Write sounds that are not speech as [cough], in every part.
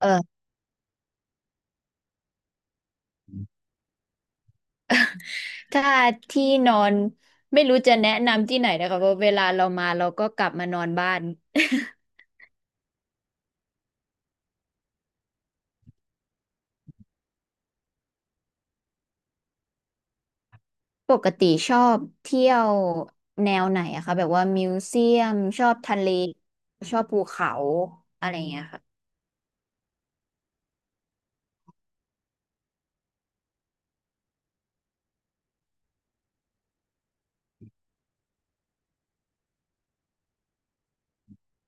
เออถ้าที่นอนไม่รู้จะแนะนำที่ไหนนะคะเพราะเวลาเรามาเราก็กลับมานอนบ้านปกติชอบเที่ยวแนวไหนอะคะแบบว่ามิวเซียมชอบทะเลชอบภูเขาอะไรอย่างเงี้ยค่ะ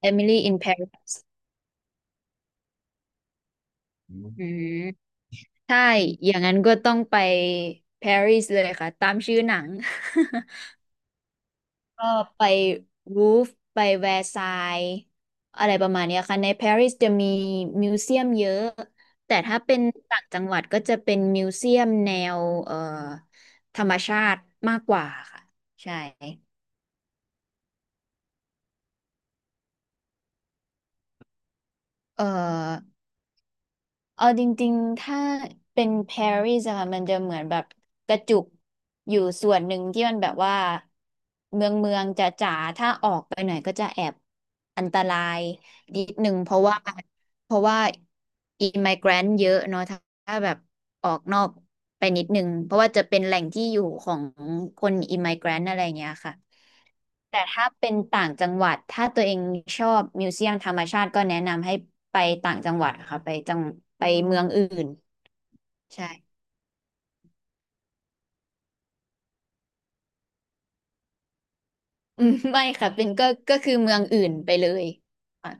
Emily in Paris อืมใช่อย่างนั้นก็ต้องไปปารีสเลยค่ะตามชื่อหนัง ก็ไปรูฟไปแวร์ซายน์อะไรประมาณเนี้ยค่ะในปารีสจะมีมิวเซียมเยอะแต่ถ้าเป็นต่างจังหวัดก็จะเป็นมิวเซียมแนวธรรมชาติมากกว่าค่ะใช่เอ่อ เอาจริงๆ ถ้าเป็นปารีสอะค่ะมันจะเหมือนแบบกระจุกอยู่ส่วนหนึ่งที่มันแบบว่าเมืองเมืองจ๋าจ๋าถ้าออกไปหน่อยก็จะแอบอันตรายนิดหนึ่งเพราะว่าอิม g ก a รนต์เยอะเนาะถ้าแบบออกนอกไปนิดหนึ่งเพราะว่าจะเป็นแหล่งที่อยู่ของคนอิม g ก a รนต์อะไรอย่างเงี้ยค่ะ แต่ถ้าเป็นต่างจังหวัดถ้าตัวเองชอบมิวเซียมธรรมชาติก็แนะนำให้ไปต่างจังหวัดค่ะไปจังไปเมืองอื่นใช่ [laughs] อืมไม่ค่ะเป็นก็คือเมืองอื่นไปเลยค่ะ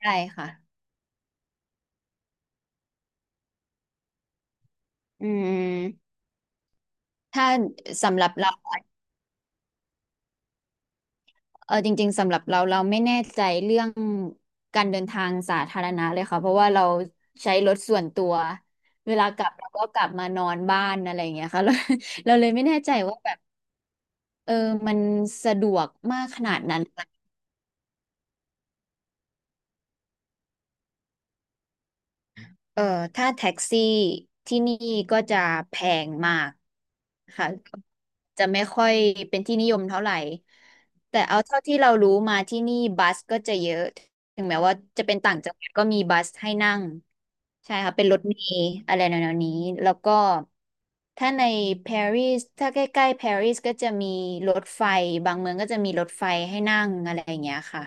ใช่ค่ะอืมถ้าสำหรับเราเออจริงๆสำหรับเราเราไม่แน่ใจเรื่องการเดินทางสาธารณะเลยค่ะเพราะว่าเราใช้รถส่วนตัวเวลากลับเราก็กลับมานอนบ้านอะไรอย่างเงี้ยค่ะ [laughs] เราเลยไม่แน่ใจว่าแบบ เออมันสะดวกมากขนาดนั้นเออถ้าแท็กซี่ที่นี่ก็จะแพงมากค่ะจะไม่ค่อยเป็นที่นิยมเท่าไหร่แต่เอาเท่าที่เรารู้มาที่นี่บัสก็จะเยอะถึงแม้ว่าจะเป็นต่างจังหวัดก็มีบัสให้นั่งใช่ค่ะเป็นรถเมล์อะไรแนวๆนี้แล้วก็ถ้าในปารีสถ้าใกล้ๆปารีสก็จะมีรถไฟบางเมืองก็จะมีรถไฟให้นั่งอะไรอย่างเงี้ยค่ะ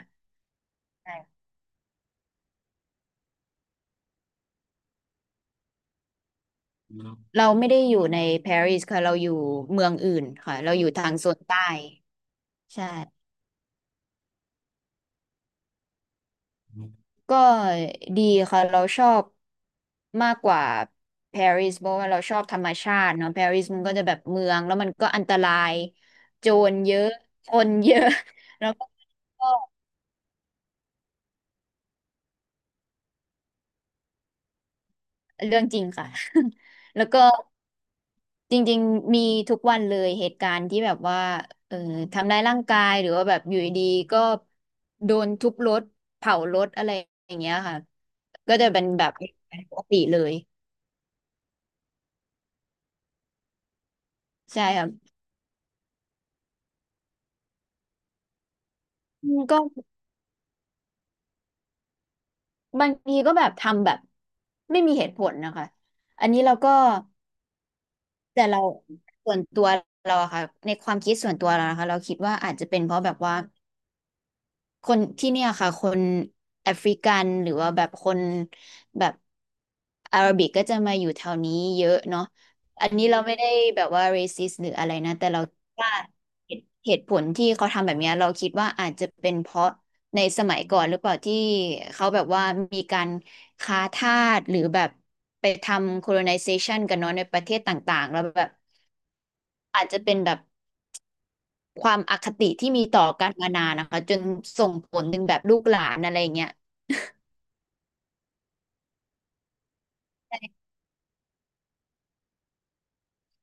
เราไม่ได้อยู่ในปารีสค่ะเราอยู่เมืองอื่นค่ะเราอยู่ทางโซนใต้ใช่ก็ดีค่ะเราชอบมากกว่าปารีสเพราะว่าเราชอบธรรมชาติเนาะปารีสมันก็จะแบบเมืองแล้วมันก็อันตรายโจรเยอะคนเยอะ [laughs] แล้วก็เรื่องจริงค่ะ [laughs] แล้วก็ จริงๆมีทุกวันเลยเหตุการณ์ที่แบบว่าเออทำร้ายร่างกายหรือว่าแบบอยู่ดีๆก็โดนทุบรถเผารถอะไรอย่างเงี้ยค่ะ ก็จะเป็นแบบปกติเลยใช่ครับอืมก็บางทีก็แบบทำแบบไม่มีเหตุผลนะคะอันนี้เราก็แต่เราส่วนตัวเราอะค่ะในความคิดส่วนตัวเรานะคะเราคิดว่าอาจจะเป็นเพราะแบบว่า คนที่เนี่ยค่ะคนแอฟริกันหรือว่าแบบคนแบบอาหรับิกก็จะมาอยู่แถวนี้เยอะเนาะอันนี้เราไม่ได้แบบว่าเรซิสหรืออะไรนะแต่เราคิดว่าเหตุผลที่เขาทำแบบเนี้ยเราคิดว่าอาจจะเป็นเพราะในสมัยก่อนหรือเปล่าที่เขาแบบว่ามีการค้าทาสหรือแบบไปทำ colonization กันเนาะในประเทศต่างๆแล้วแบบอาจจะเป็นแบบ ความอคติที่มีต่อกันมานานนะคะจนส่งผลถึงแบบลูกหลานอะไรอย่างเงี้ย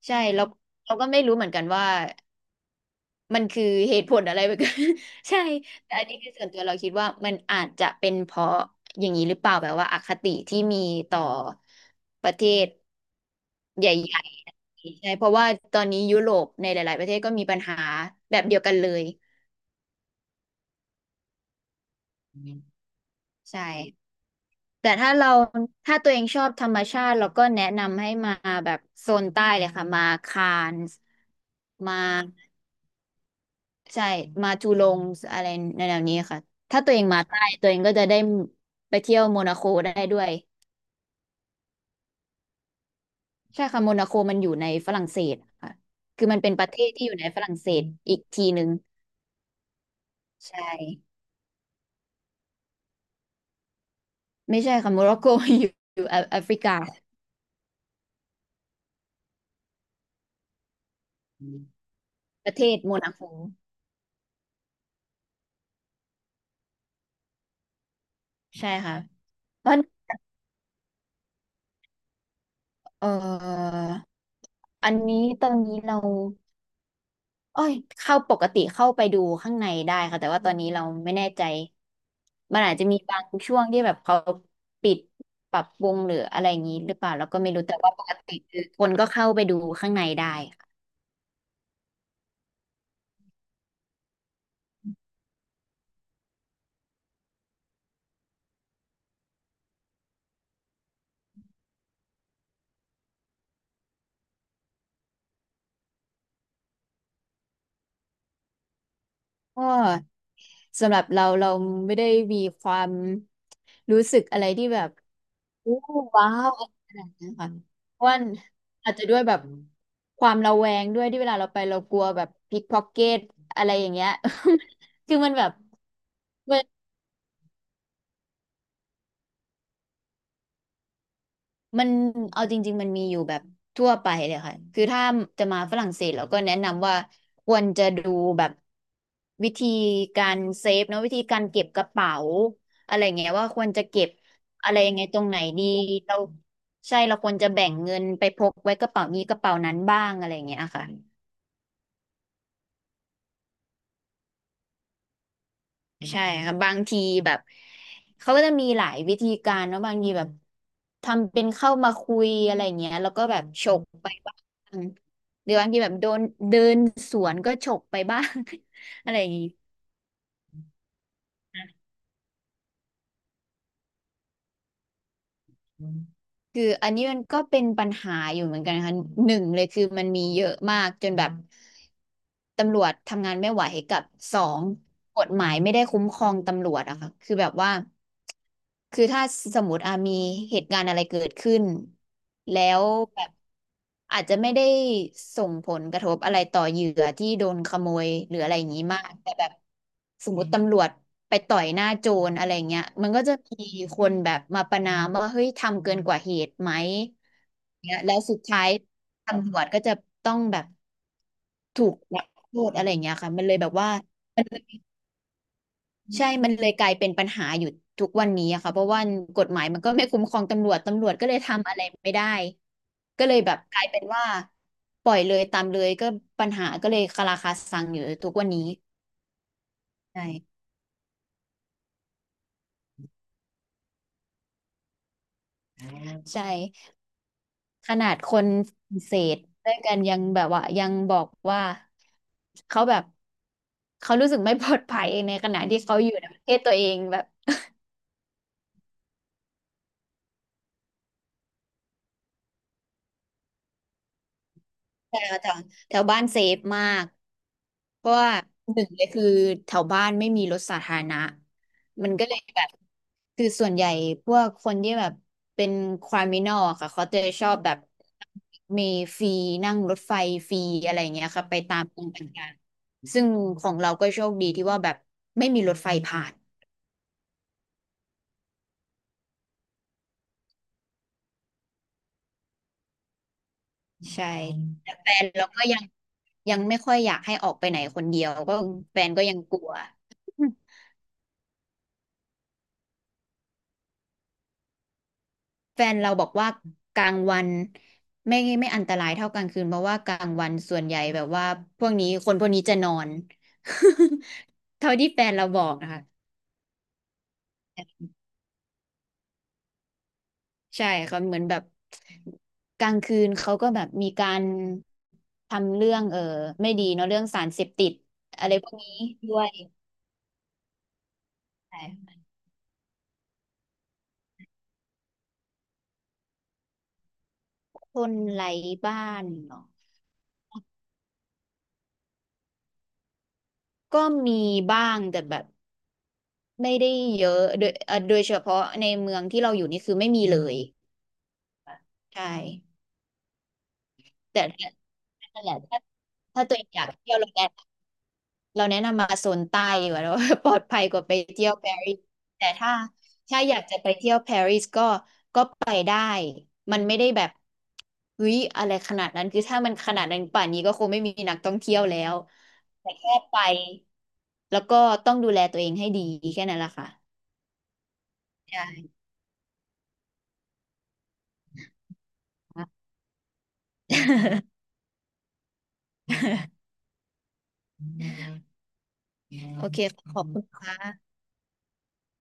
ใช่แล้วเราก็ไม่รู้เหมือนกันว่ามันคือเหตุผลอะไรแบบ [laughs] ใช่แต่อันนี้คือส่วนตัวเราคิดว่ามันอาจจะเป็นเพราะอย่างนี้หรือเปล่าแบบว่าอคติที่มีต่อประเทศใหญ่ๆใช่เพราะว่าตอนนี้ยุโรปในหลายๆประเทศก็มีปัญหาแบบเดียวกันเลยใช่ แต่ถ้าตัวเองชอบธรรมชาติเราก็แนะนำให้มาแบบโซนใต้เลยค่ะมาคานส์มาใช่มาจูลงอะไรในแนวนี้ค่ะถ้าตัวเองมาใต้ตัวเองก็จะได้ไปเที่ยวโมนาโคได้ด้วยใช่ค่ะโมนาโคมันอยู่ในฝรั่งเศสค่ะคือมันเป็นประเทศที่อยู่ในฝรั่งเศสอีกทีหนึ่งใช่ไม่ใช่ค่ะโมร็อกโก [laughs] อยู่อยู่แอแอฟริกาประเทศโมนาโคใช่ค่ะเพราะเอ่ออันนี้ตอนนี้เรา เอ้ยเข้าปกติเข้าไปดูข้างในได้ค่ะแต่ว่าตอนนี้เราไม่แน่ใจมันอาจจะมีบางช่วงที่แบบเขาปิดปรับปรุงหรืออะไรอย่างนี้หรือเปล่าเราก็ไม่รู้แต่ว่าปกติคือคนก็เข้าไปดูข้างในได้ค่ะก็สำหรับเราเราไม่ได้มีความรู้สึกอะไรที่แบบโอ้ว้าวอะไรขนาดนั้นค่ะเพราะว่าอาจจะด้วยแบบความระแวงด้วยที่เวลาเราไปเรากลัวแบบพิกพ็อกเก็ตอะไรอย่างเงี้ย [laughs] คือมันแบบมัน มันเอาจริงๆมันมีอยู่แบบทั่วไปเลยค่ะคือถ้าจะมาฝรั่งเศสเราก็แนะนำว่าควรจะดูแบบวิธีการเซฟเนอะวิธีการเก็บกระเป๋าอะไรเงี้ยว่าควรจะเก็บอะไรยังไงตรงไหนดีเราใช่เราควรจะแบ่งเงินไปพกไว้กระเป๋านี้กระเป๋านั้นบ้างอะไรเงี้ยค่ะ ใช่ครับบางทีแบบเขาก็จะมีหลายวิธีการเนอะบางทีแบบทำเป็นเข้ามาคุยอะไรเงี้ยแล้วก็แบบฉกไปบ้างหรือบางทีแบบโดนเดินสวนก็ฉกไปบ้าง [laughs] อะไรอย่างงี้คืออันนี้มันก็เป็นปัญหาอยู่เหมือนกันค่ะหนึ่งเลยคือมันมีเยอะมากจนแบบตำรวจทำงานไม่ไหวกับสองกฎหมายไม่ได้คุ้มครองตำรวจอะค่ะคือแบบว่า คือถ้าสมมติอามีเหตุการณ์อะไรเกิดขึ้นแล้วแบบอาจจะไม่ได้ส่งผลกระทบอะไรต่อเหยื่อที่โดนขโมยหรืออะไรอย่างนี้มากแต่แบบสมมติตำรวจไปต่อยหน้าโจรอะไรเงี้ยมันก็จะมีคนแบบมาประณามว่าเฮ้ยทำเกินกว่าเหตุไหมเนี่ยแล้วสุดท้ายตำรวจก็จะต้องแบบถูกรับโทษอะไรเงี้ยค่ะมันเลยแบบว่า ใช่มันเลยกลายเป็นปัญหาอยู่ทุกวันนี้อะค่ะเพราะว่ากฎหมายมันก็ไม่คุ้มครองตำรวจตำรวจก็เลยทำอะไรไม่ได้ก็เลยแบบกลายเป็นว่าปล่อยเลยตามเลยก็ปัญหาก็เลยคาราคาซังอยู่ทุกวันนี้ใช่ใช่ขนาดคนฝรั่งเศสด้วยกันยังแบบว่ายังบอกว่าเขาแบบเขารู้สึกไม่ปลอดภัยในขณะที่เขาอยู่ในประเทศตัวเองแบบ แถวแถวแถวบ้านเซฟมากเพราะว่าหนึ่งเลยคือแถวบ้านไม่มีรถสาธารณะมันก็เลยแบบคือส่วนใหญ่พวกคนที่แบบเป็นคริมินอลค่ะเขาจะชอบแบบมีฟรีนั่งรถไฟฟรีอะไรอย่างเงี้ยค่ะไปตามตมืงต่างๆซึ่งของเราก็โชคดีที่ว่าแบบไม่มีรถไฟผ่านใช่แต่แฟนเราก็ยังยังไม่ค่อยอยากให้ออกไปไหนคนเดียวก็แฟนก็ยังกลัว แฟนเราบอกว่ากลางวันไม่อันตรายเท่ากลางคืนเพราะว่ากลางวันส่วนใหญ่แบบว่าพวกนี้คนพวกนี้จะนอน [laughs] เท่าที่แฟนเราบอกนะคะใช่เขาเหมือนแบบกลางคืนเขาก็แบบมีการทำเรื่องไม่ดีเนาะเรื่องสารเสพติดอะไรพวกนี้ด้วยใช่คนไร้บ้านเนาะก็มีบ้างแต่แบบไม่ได้เยอะโดยโดยเฉพาะในเมืองที่เราอยู่นี่คือไม่มีเลยใช่ แต่ถ้านั่นแหละถ้าตัวเองอยากเที่ยวเราแนะนำมาโซนใต้ดีกว่าเรา [laughs] ปลอดภัยกว่าไปเที่ยวปารีสแต่ถ้าอยากจะไปเที่ยวปารีสก็ไปได้มันไม่ได้แบบเฮ้ยอะไรขนาดนั้นคือถ้ามันขนาดนั้นป่านนี้ก็คงไม่มีนักท่องเที่ยวแล้วแต่แค่ไปแล้วก็ต้องดูแลตัวเองให้ดีแค่นั้นแหละค่ะใช่ค่ะโอเคขอบคุณค่ะ